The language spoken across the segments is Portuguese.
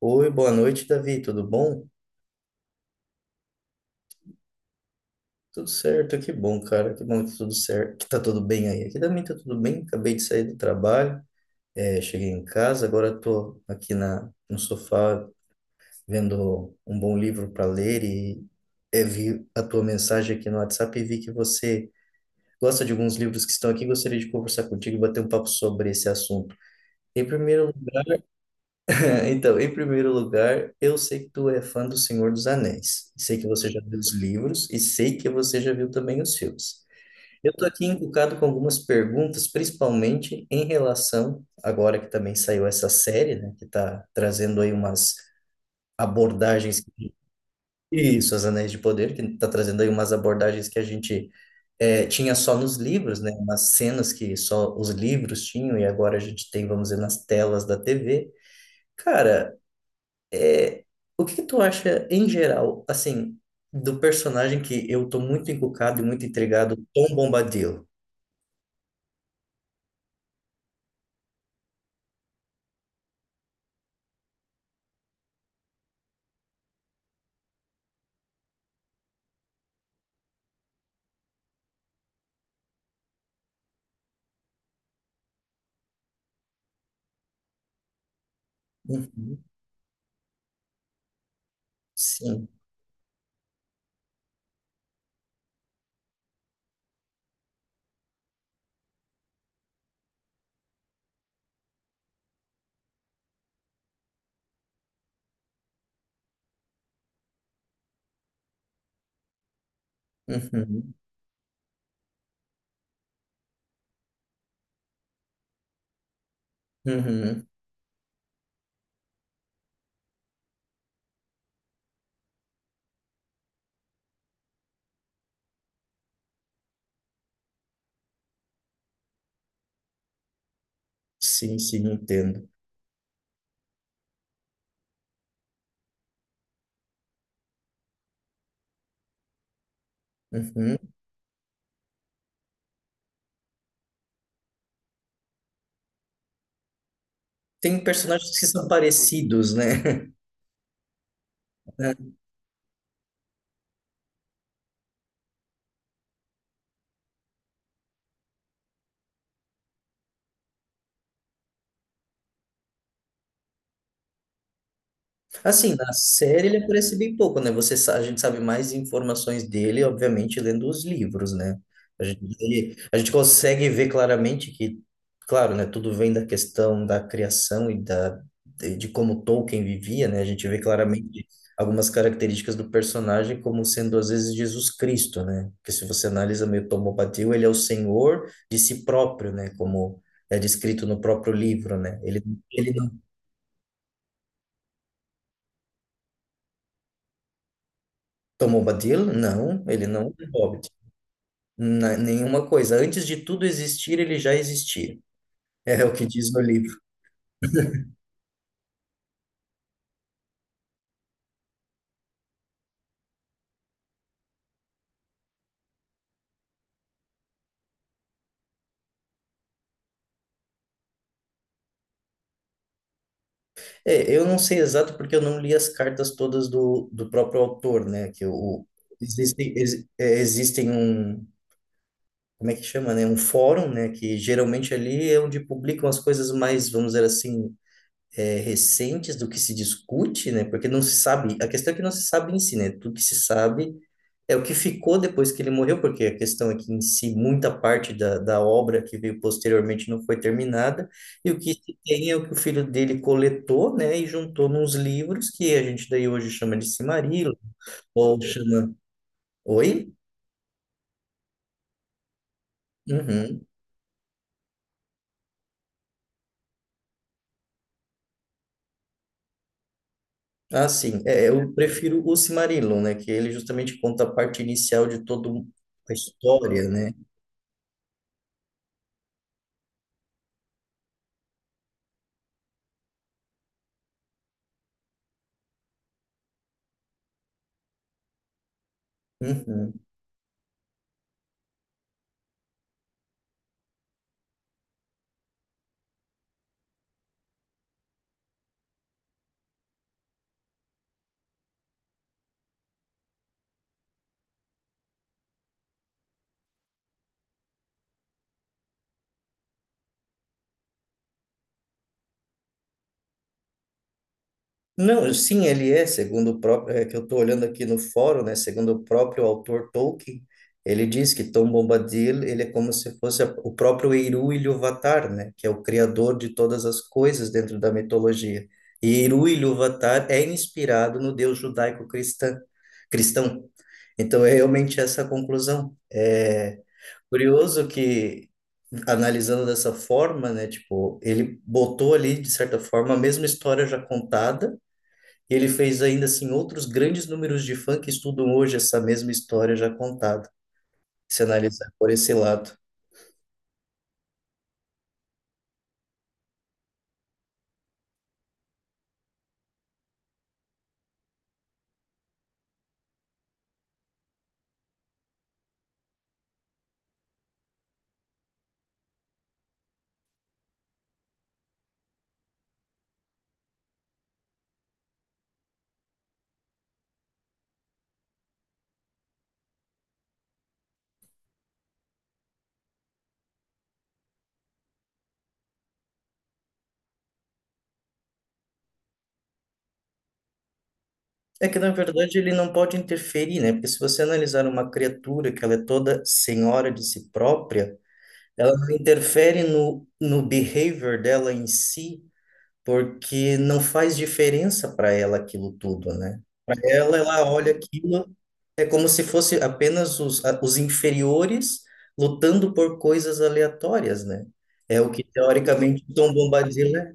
Oi, boa noite, Davi. Tudo bom? Tudo certo, que bom, cara. Que bom que tudo certo, que tá tudo bem aí. Aqui também tá tudo bem. Acabei de sair do trabalho, cheguei em casa, agora tô aqui no sofá vendo um bom livro para ler e vi a tua mensagem aqui no WhatsApp e vi que você gosta de alguns livros que estão aqui. Gostaria de conversar contigo e bater um papo sobre esse assunto. Em primeiro. Então, em primeiro lugar, eu sei que tu é fã do Senhor dos Anéis. Sei que você já viu os livros e sei que você já viu também os filmes. Eu estou aqui encucado com algumas perguntas, principalmente em relação, agora que também saiu essa série, né, que está trazendo aí umas abordagens, isso, Os Anéis de Poder, que está trazendo aí umas abordagens que a gente tinha só nos livros, né, umas cenas que só os livros tinham e agora a gente tem, vamos dizer, nas telas da TV. Cara, é, o que que tu acha em geral, assim, do personagem que eu tô muito encucado e muito intrigado, Tom Bombadil? Uhum, sim. Uhum, uhum, sim, sim, entendo. Uhum. Tem personagens que são parecidos, né? Assim, na série ele aparece bem pouco, né? Você, a gente sabe mais informações dele, obviamente, lendo os livros, né? A gente, a gente consegue ver claramente que, claro, né? Tudo vem da questão da criação de como Tolkien vivia, né? A gente vê claramente algumas características do personagem como sendo, às vezes, Jesus Cristo, né? Porque se você analisa meio Tomobadil, ele é o Senhor de si próprio, né? Como é descrito no próprio livro, né? Ele não tomou Bombadil? Não, ele não é um hobbit. Nenhuma coisa. Antes de tudo existir, ele já existia. É o que diz no livro. É, eu não sei exato porque eu não li as cartas todas do próprio autor, né? Que o, existem, existem um, como é que chama, né? Um fórum, né? Que geralmente ali é onde publicam as coisas mais, vamos dizer assim, recentes do que se discute, né? Porque não se sabe, a questão é que não se sabe em si, né? Tudo que se sabe é o que ficou depois que ele morreu, porque a questão é que em si muita parte da obra que veio posteriormente não foi terminada, e o que se tem é o que o filho dele coletou, né, e juntou nos livros que a gente daí hoje chama de Cimarillo, ou chama... Oi? Uhum. Ah, sim. Eu prefiro o Cimarillo, né, que ele justamente conta a parte inicial de toda a história, né? Uhum. Não, sim, ele é, segundo o próprio, é que eu estou olhando aqui no fórum, né, segundo o próprio autor Tolkien, ele diz que Tom Bombadil, ele é como se fosse o próprio Eru Ilúvatar, né, que é o criador de todas as coisas dentro da mitologia. E Eru Ilúvatar é inspirado no Deus judaico-cristão, cristão. Então é realmente essa a conclusão. É curioso que analisando dessa forma, né, tipo, ele botou ali de certa forma a mesma história já contada e ele fez ainda assim outros grandes números de fã que estudam hoje essa mesma história já contada, se analisar por esse lado. É que, na verdade, ele não pode interferir, né? Porque se você analisar uma criatura que ela é toda senhora de si própria, ela não interfere no behavior dela em si, porque não faz diferença para ela aquilo tudo, né? Para ela, ela olha aquilo, é como se fosse apenas os inferiores lutando por coisas aleatórias, né? É o que teoricamente Tom Bombadil é.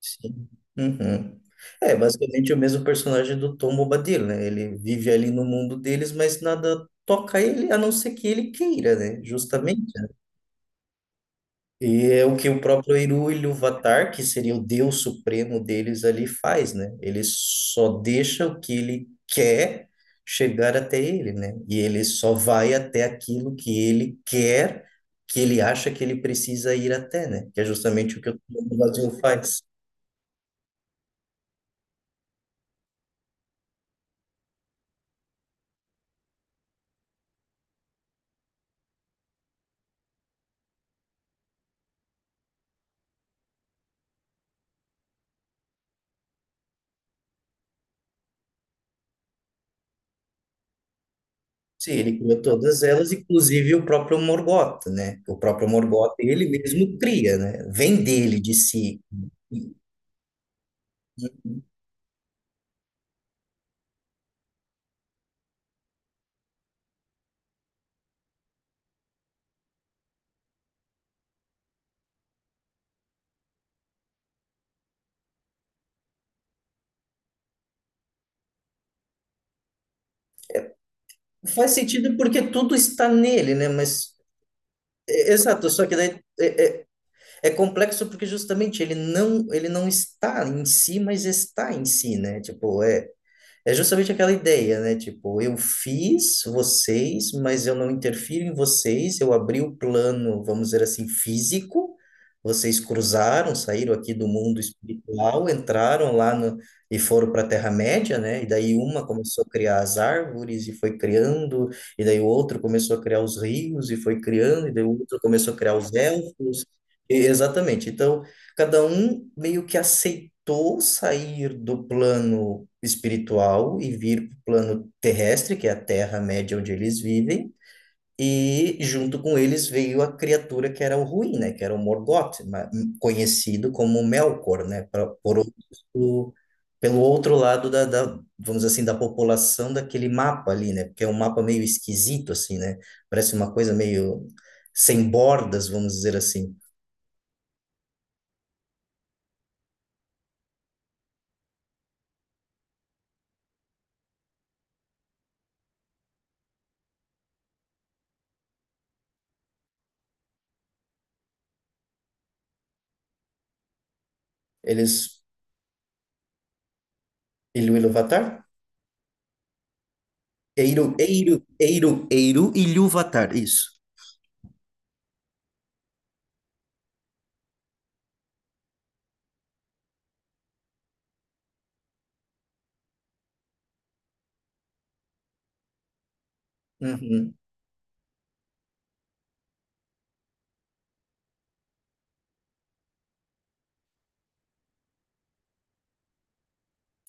Sim. Uhum. É basicamente o mesmo personagem do Tom Bombadil, né? Ele vive ali no mundo deles, mas nada toca ele, a não ser que ele queira, né? Justamente. E é o que o próprio Eru Ilúvatar, que seria o Deus supremo deles ali, faz, né? Ele só deixa o que ele quer chegar até ele, né? E ele só vai até aquilo que ele quer, que ele acha que ele precisa ir até, né? Que é justamente o que o Trono do Vazio faz. Sim, ele criou todas elas, inclusive o próprio Morgoth, né? O próprio Morgoth, ele mesmo cria, né? Vem dele, de si. E- e- Faz sentido porque tudo está nele, né? Mas é, exato, só que daí é complexo porque justamente ele não está em si, mas está em si, né? É justamente aquela ideia, né? Tipo, eu fiz vocês, mas eu não interfiro em vocês. Eu abri o plano, vamos dizer assim, físico. Vocês cruzaram, saíram aqui do mundo espiritual, entraram lá no, e foram para a Terra-média, né? E daí uma começou a criar as árvores e foi criando, e daí o outro começou a criar os rios e foi criando, e daí o outro começou a criar os elfos. E- exatamente. Então, cada um meio que aceitou sair do plano espiritual e vir para o plano terrestre, que é a Terra-média onde eles vivem, e junto com eles veio a criatura que era o ruim, né? Que era o Morgoth, conhecido como Melkor, né? Por outros, pelo outro lado da, vamos dizer assim, da população daquele mapa ali, né? Porque é um mapa meio esquisito, assim, né? Parece uma coisa meio sem bordas, vamos dizer assim. Eles... Iluvatar? Eiro e Ilúvatar, isso. Uhum.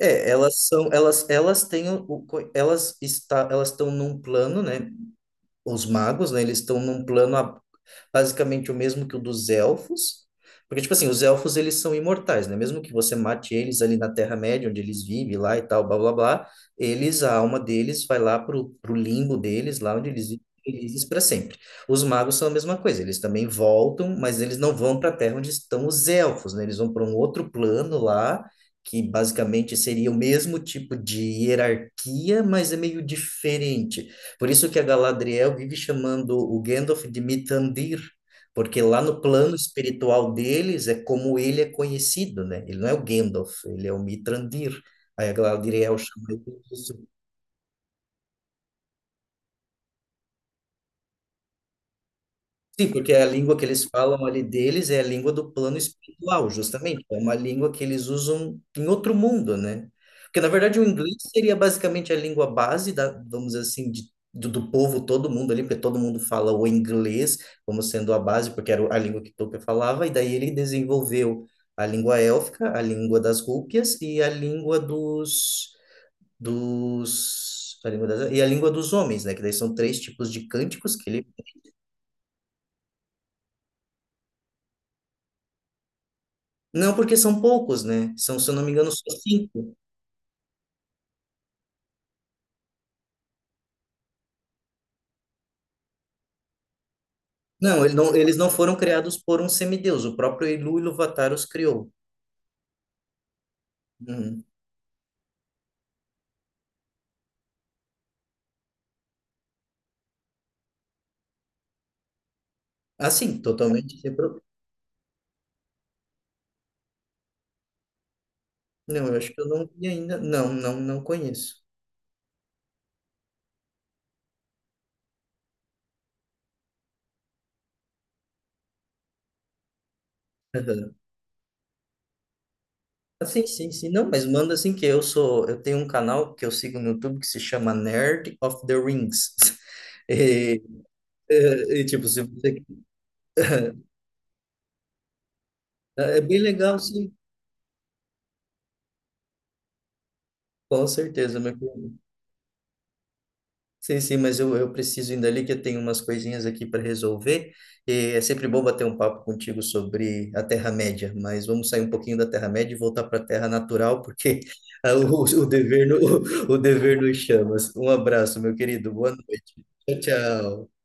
É, elas são, elas têm elas elas estão num plano, né? Os magos, né? Eles estão num plano basicamente o mesmo que o dos elfos. Porque, tipo assim, os elfos, eles são imortais, né? Mesmo que você mate eles ali na Terra-média, onde eles vivem lá e tal, blá, blá, blá, eles, a alma deles vai lá pro limbo deles, lá onde eles vivem felizes para sempre. Os magos são a mesma coisa, eles também voltam, mas eles não vão para a Terra onde estão os elfos, né? Eles vão para um outro plano lá, que basicamente seria o mesmo tipo de hierarquia, mas é meio diferente. Por isso que a Galadriel vive chamando o Gandalf de Mithrandir, porque lá no plano espiritual deles é como ele é conhecido, né? Ele não é o Gandalf, ele é o Mithrandir. Aí a Galadriel chama ele. Sim, porque é a língua que eles falam ali deles é a língua do plano espiritual, justamente. É uma língua que eles usam em outro mundo, né? Porque, na verdade, o inglês seria basicamente a língua base da, vamos dizer assim, do povo, todo mundo ali, porque todo mundo fala o inglês como sendo a base, porque era a língua que Tolkien falava, e daí ele desenvolveu a língua élfica, a língua das rúpias e a língua a língua e a língua dos homens, né? Que daí são três tipos de cânticos que ele. Não, porque são poucos, né? São, se eu não me engano, só cinco. Não, eles não foram criados por um semideus. O próprio iluvatar os criou. Uhum. Assim, totalmente sem problema. Não, eu acho que eu não vi ainda. Não, não, não conheço. Uhum. Assim, sim. Não, mas manda assim que eu sou. Eu tenho um canal que eu sigo no YouTube que se chama Nerd of the Rings. E, e, tipo, se você... É bem legal, sim. Com certeza, meu. Sim, sim, mas eu preciso ainda ali que eu tenho umas coisinhas aqui para resolver. E é sempre bom bater um papo contigo sobre a Terra-média, mas vamos sair um pouquinho da Terra-média e voltar para a Terra natural, porque ah, o dever, o dever nos chama. Um abraço, meu querido. Boa noite. Tchau, tchau.